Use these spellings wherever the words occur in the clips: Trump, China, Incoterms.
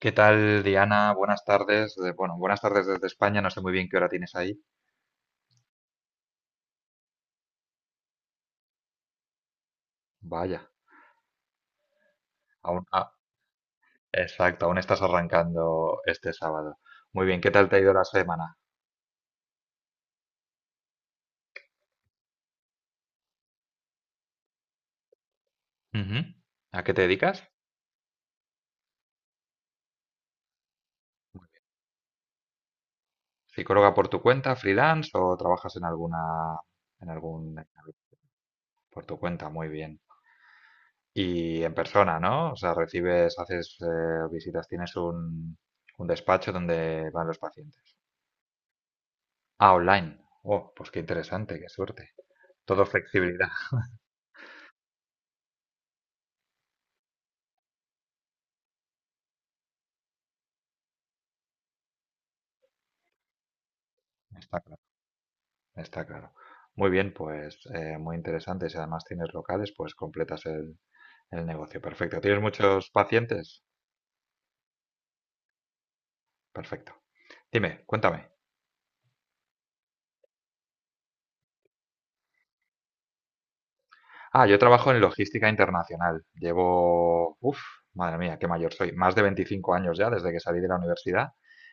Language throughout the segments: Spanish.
¿Qué tal, Diana? Buenas tardes. Bueno, buenas tardes desde España. No sé muy bien qué hora tienes ahí. Vaya, aún, ah, exacto, aún estás arrancando este sábado. Muy bien, ¿qué tal te ha ido la semana? Ujú. ¿A qué te dedicas? ¿Psicóloga por tu cuenta, freelance o trabajas en alguna, en algún, por tu cuenta? Muy bien. Y en persona, ¿no? O sea, recibes, haces visitas, tienes un despacho donde van los pacientes. Ah, online. Oh, pues qué interesante, qué suerte. Todo flexibilidad. Está claro, está claro. Muy bien, pues muy interesante. Si además tienes locales, pues completas el negocio. Perfecto. ¿Tienes muchos pacientes? Perfecto. Dime, cuéntame. Ah, yo trabajo en logística internacional. Llevo, uff, madre mía, qué mayor soy. Más de 25 años ya desde que salí de la universidad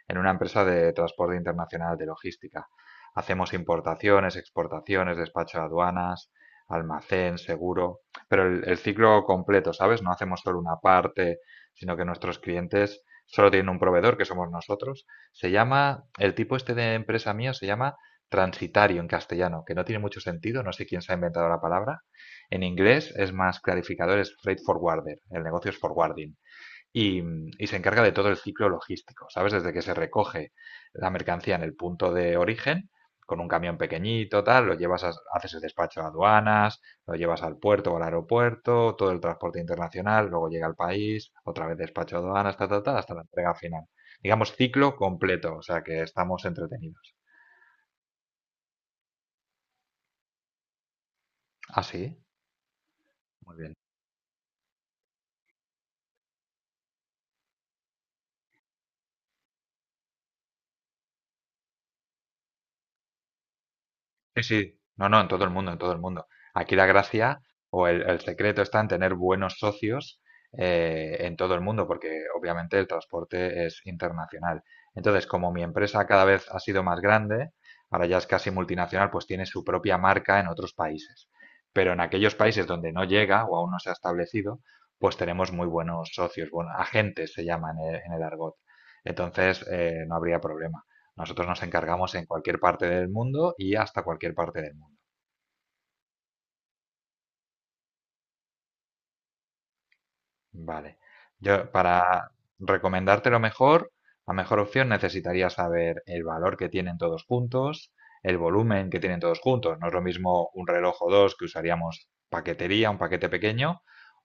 en una empresa de transporte internacional de logística. Hacemos importaciones, exportaciones, despacho de aduanas, almacén, seguro, pero el ciclo completo, ¿sabes? No hacemos solo una parte, sino que nuestros clientes solo tienen un proveedor, que somos nosotros. El tipo este de empresa mío se llama transitario en castellano, que no tiene mucho sentido, no sé quién se ha inventado la palabra. En inglés es más clarificador, es freight forwarder, el negocio es forwarding, y, y se encarga de todo el ciclo logístico, ¿sabes? Desde que se recoge la mercancía en el punto de origen, con un camión pequeñito, tal, lo llevas, haces el despacho a aduanas, lo llevas al puerto o al aeropuerto, todo el transporte internacional, luego llega al país, otra vez despacho a aduanas, hasta la entrega final. Digamos, ciclo completo, o sea que estamos entretenidos. Ah, sí, muy bien. Sí, sí, no, no, en todo el mundo, en todo el mundo. Aquí la gracia o el secreto está en tener buenos socios en todo el mundo, porque obviamente el transporte es internacional. Entonces, como mi empresa cada vez ha sido más grande, ahora ya es casi multinacional, pues tiene su propia marca en otros países. Pero en aquellos países donde no llega o aún no se ha establecido, pues tenemos muy buenos socios, bueno, agentes se llaman en en el argot. Entonces, no habría problema. Nosotros nos encargamos en cualquier parte del mundo y hasta cualquier parte del mundo. Vale. Para recomendarte lo mejor, la mejor opción necesitaría saber el valor que tienen todos juntos, el volumen que tienen todos juntos. No es lo mismo un reloj o dos que usaríamos paquetería, un paquete pequeño,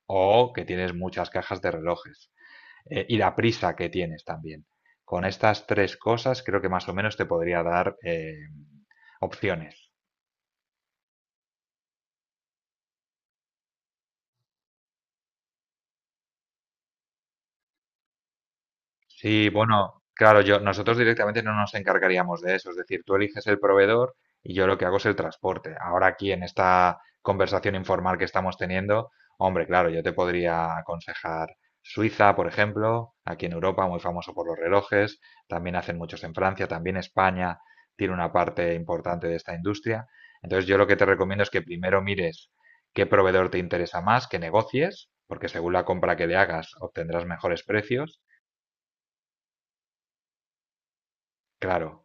o que tienes muchas cajas de relojes. Y la prisa que tienes también. Con estas tres cosas creo que más o menos te podría dar opciones. Sí, bueno, claro, nosotros directamente no nos encargaríamos de eso, es decir, tú eliges el proveedor y yo lo que hago es el transporte. Ahora aquí en esta conversación informal que estamos teniendo, hombre, claro, yo te podría aconsejar Suiza, por ejemplo. Aquí en Europa, muy famoso por los relojes, también hacen muchos en Francia, también España tiene una parte importante de esta industria. Entonces yo lo que te recomiendo es que primero mires qué proveedor te interesa más, que negocies, porque según la compra que le hagas obtendrás mejores precios. Claro,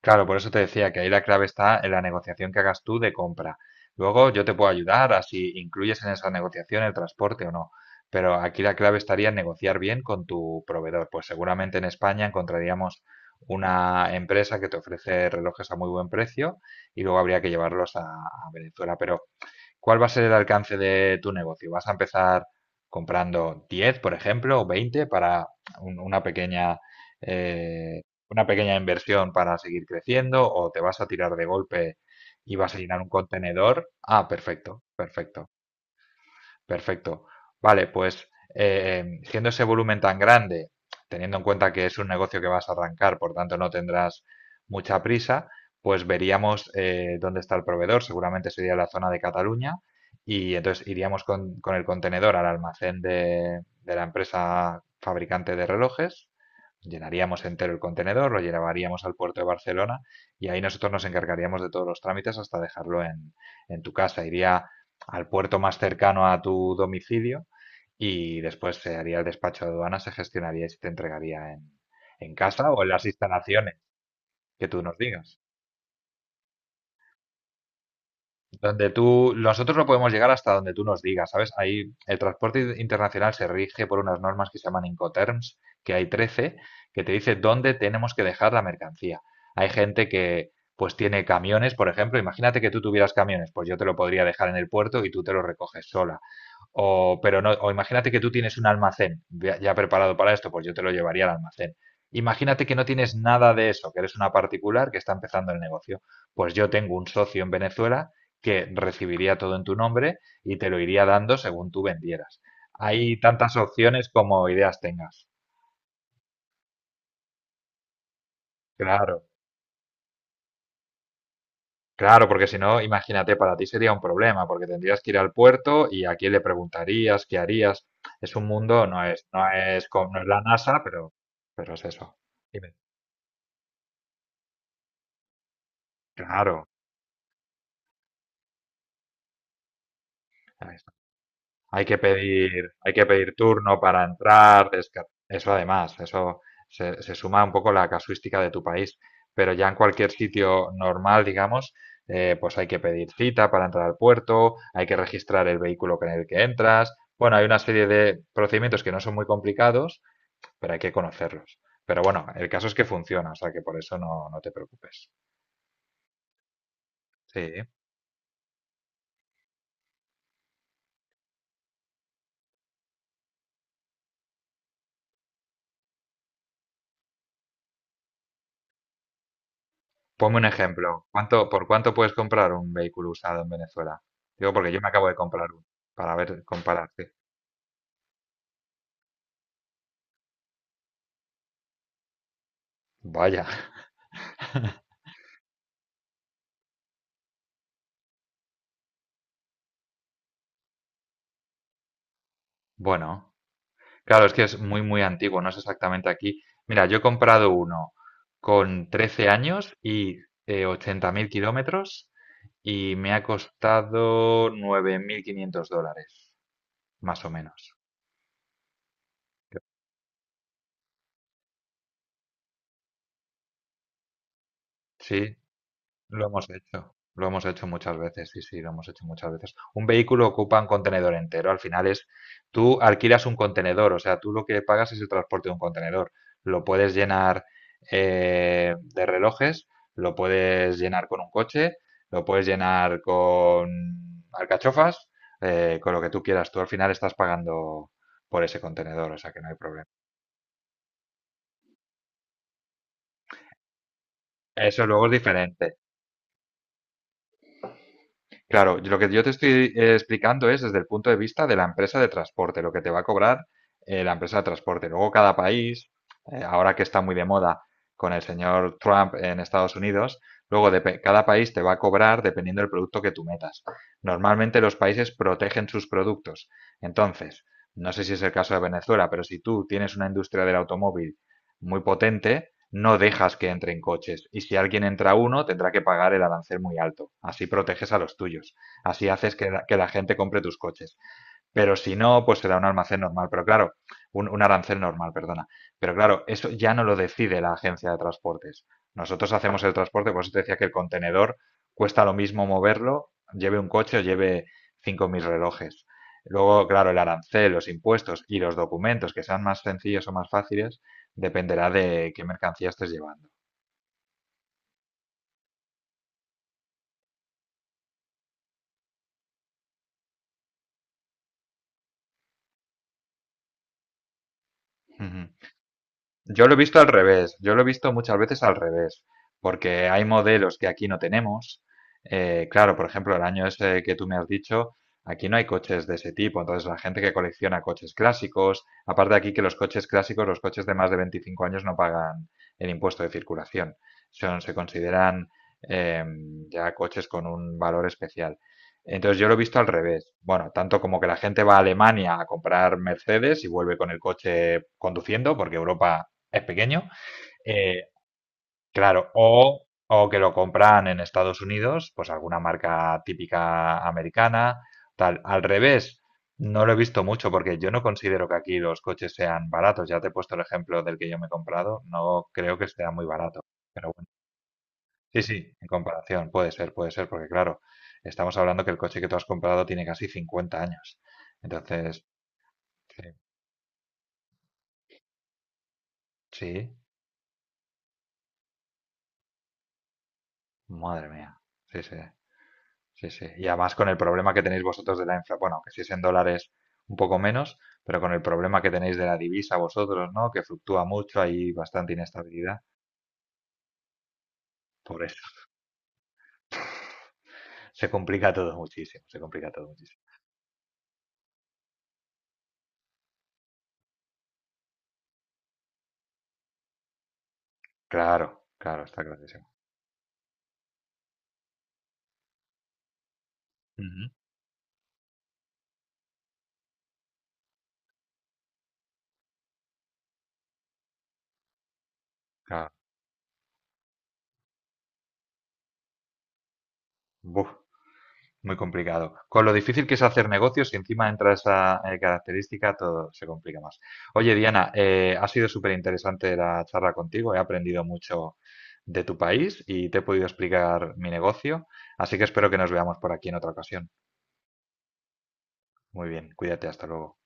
claro, por eso te decía que ahí la clave está en la negociación que hagas tú de compra. Luego yo te puedo ayudar a si incluyes en esa negociación el transporte o no. Pero aquí la clave estaría en negociar bien con tu proveedor. Pues seguramente en España encontraríamos una empresa que te ofrece relojes a muy buen precio y luego habría que llevarlos a Venezuela. Pero ¿cuál va a ser el alcance de tu negocio? ¿Vas a empezar comprando 10, por ejemplo, o 20 para un- una pequeña, eh, una pequeña inversión para seguir creciendo? ¿O te vas a tirar de golpe y vas a llenar un contenedor? Ah, perfecto, perfecto. Perfecto. Vale, pues siendo ese volumen tan grande, teniendo en cuenta que es un negocio que vas a arrancar, por tanto no tendrás mucha prisa, pues veríamos dónde está el proveedor. Seguramente sería la zona de Cataluña, y entonces iríamos con el contenedor al almacén de la empresa fabricante de relojes, llenaríamos entero el contenedor, lo llevaríamos al puerto de Barcelona y ahí nosotros nos encargaríamos de todos los trámites hasta dejarlo en tu casa. Iría al puerto más cercano a tu domicilio, y después se haría el despacho de aduanas, se gestionaría y se te entregaría en casa o en las instalaciones que tú nos digas. Donde tú, nosotros no podemos llegar hasta donde tú nos digas, ¿sabes? Ahí el transporte internacional se rige por unas normas que se llaman Incoterms, que hay 13, que te dice dónde tenemos que dejar la mercancía. Hay gente que pues tiene camiones, por ejemplo. Imagínate que tú tuvieras camiones, pues yo te lo podría dejar en el puerto y tú te lo recoges sola. O, pero no, o imagínate que tú tienes un almacén ya preparado para esto, pues yo te lo llevaría al almacén. Imagínate que no tienes nada de eso, que eres una particular que está empezando el negocio. Pues yo tengo un socio en Venezuela que recibiría todo en tu nombre y te lo iría dando según tú vendieras. Hay tantas opciones como ideas tengas. Claro, claro, porque si no, imagínate, para ti sería un problema, porque tendrías que ir al puerto y a quién le preguntarías, qué harías. Es un mundo, no es la NASA, pero, es eso. Dime. Claro, hay que pedir turno para entrar, eso además, eso se suma un poco la casuística de tu país, pero ya en cualquier sitio normal, digamos, pues hay que pedir cita para entrar al puerto, hay que registrar el vehículo con el que entras, bueno, hay una serie de procedimientos que no son muy complicados, pero hay que conocerlos. Pero bueno, el caso es que funciona, o sea que por eso no, no te preocupes. Sí. Ponme un ejemplo. ¿Cuánto, por cuánto puedes comprar un vehículo usado en Venezuela? Digo, porque yo me acabo de comprar uno para ver, comparar. Sí. Vaya. Bueno, claro, es que es muy, muy antiguo, no es exactamente aquí. Mira, yo he comprado uno con 13 años y 80.000 kilómetros, y me ha costado $9.500, más o menos. Sí, lo hemos hecho, lo hemos hecho muchas veces, sí, sí, lo hemos hecho muchas veces. Un vehículo ocupa un contenedor entero, al final es, tú alquilas un contenedor, o sea, tú lo que pagas es el transporte de un contenedor. Lo puedes llenar de relojes, lo puedes llenar con un coche, lo puedes llenar con alcachofas, con lo que tú quieras. Tú al final estás pagando por ese contenedor, o sea que no hay problema. Eso luego es diferente. Claro, lo que yo te estoy explicando es desde el punto de vista de la empresa de transporte, lo que te va a cobrar la empresa de transporte. Luego cada país, ahora que está muy de moda con el señor Trump en Estados Unidos, luego cada país te va a cobrar dependiendo del producto que tú metas. Normalmente los países protegen sus productos. Entonces, no sé si es el caso de Venezuela, pero si tú tienes una industria del automóvil muy potente, no dejas que entren coches. Y si alguien entra uno, tendrá que pagar el arancel muy alto. Así proteges a los tuyos. Así haces que la gente compre tus coches. Pero si no, pues se da un almacén normal, pero claro, un arancel normal, perdona. Pero claro, eso ya no lo decide la agencia de transportes. Nosotros hacemos el transporte, por eso te decía que el contenedor cuesta lo mismo moverlo, lleve un coche o lleve 5.000 relojes. Luego, claro, el arancel, los impuestos y los documentos que sean más sencillos o más fáciles, dependerá de qué mercancía estés llevando. Ujú. Yo lo he visto al revés, yo lo he visto muchas veces al revés, porque hay modelos que aquí no tenemos. Claro, por ejemplo, el año ese que tú me has dicho, aquí no hay coches de ese tipo. Entonces la gente que colecciona coches clásicos, aparte aquí que los coches clásicos, los coches de más de 25 años no pagan el impuesto de circulación, son, se consideran eh, ya coches con un valor especial. Entonces yo lo he visto al revés. Bueno, tanto como que la gente va a Alemania a comprar Mercedes y vuelve con el coche conduciendo, porque Europa es pequeño, eh, claro, o que lo compran en Estados Unidos, pues alguna marca típica americana, tal. Al revés, no lo he visto mucho porque yo no considero que aquí los coches sean baratos. Ya te he puesto el ejemplo del que yo me he comprado, no creo que sea muy barato. Pero bueno, sí, sí, en comparación, puede ser, porque claro, estamos hablando que el coche que tú has comprado tiene casi 50 años. Entonces, sí, sí, madre mía, sí, sí. Sí, sí. Y además con el problema que tenéis vosotros de la inflación, bueno, que si es en dólares un poco menos, pero con el problema que tenéis de la divisa vosotros, ¿no? Que fluctúa mucho, hay bastante inestabilidad. Por eso se complica todo muchísimo, se complica todo muchísimo. Claro, claro, está clarísimo. Ujú, claro. Buf. Muy complicado. Con lo difícil que es hacer negocios y encima entra esa característica, todo se complica más. Oye, Diana, ha sido súper interesante la charla contigo. He aprendido mucho de tu país y te he podido explicar mi negocio. Así que espero que nos veamos por aquí en otra ocasión. Muy bien, cuídate, hasta luego.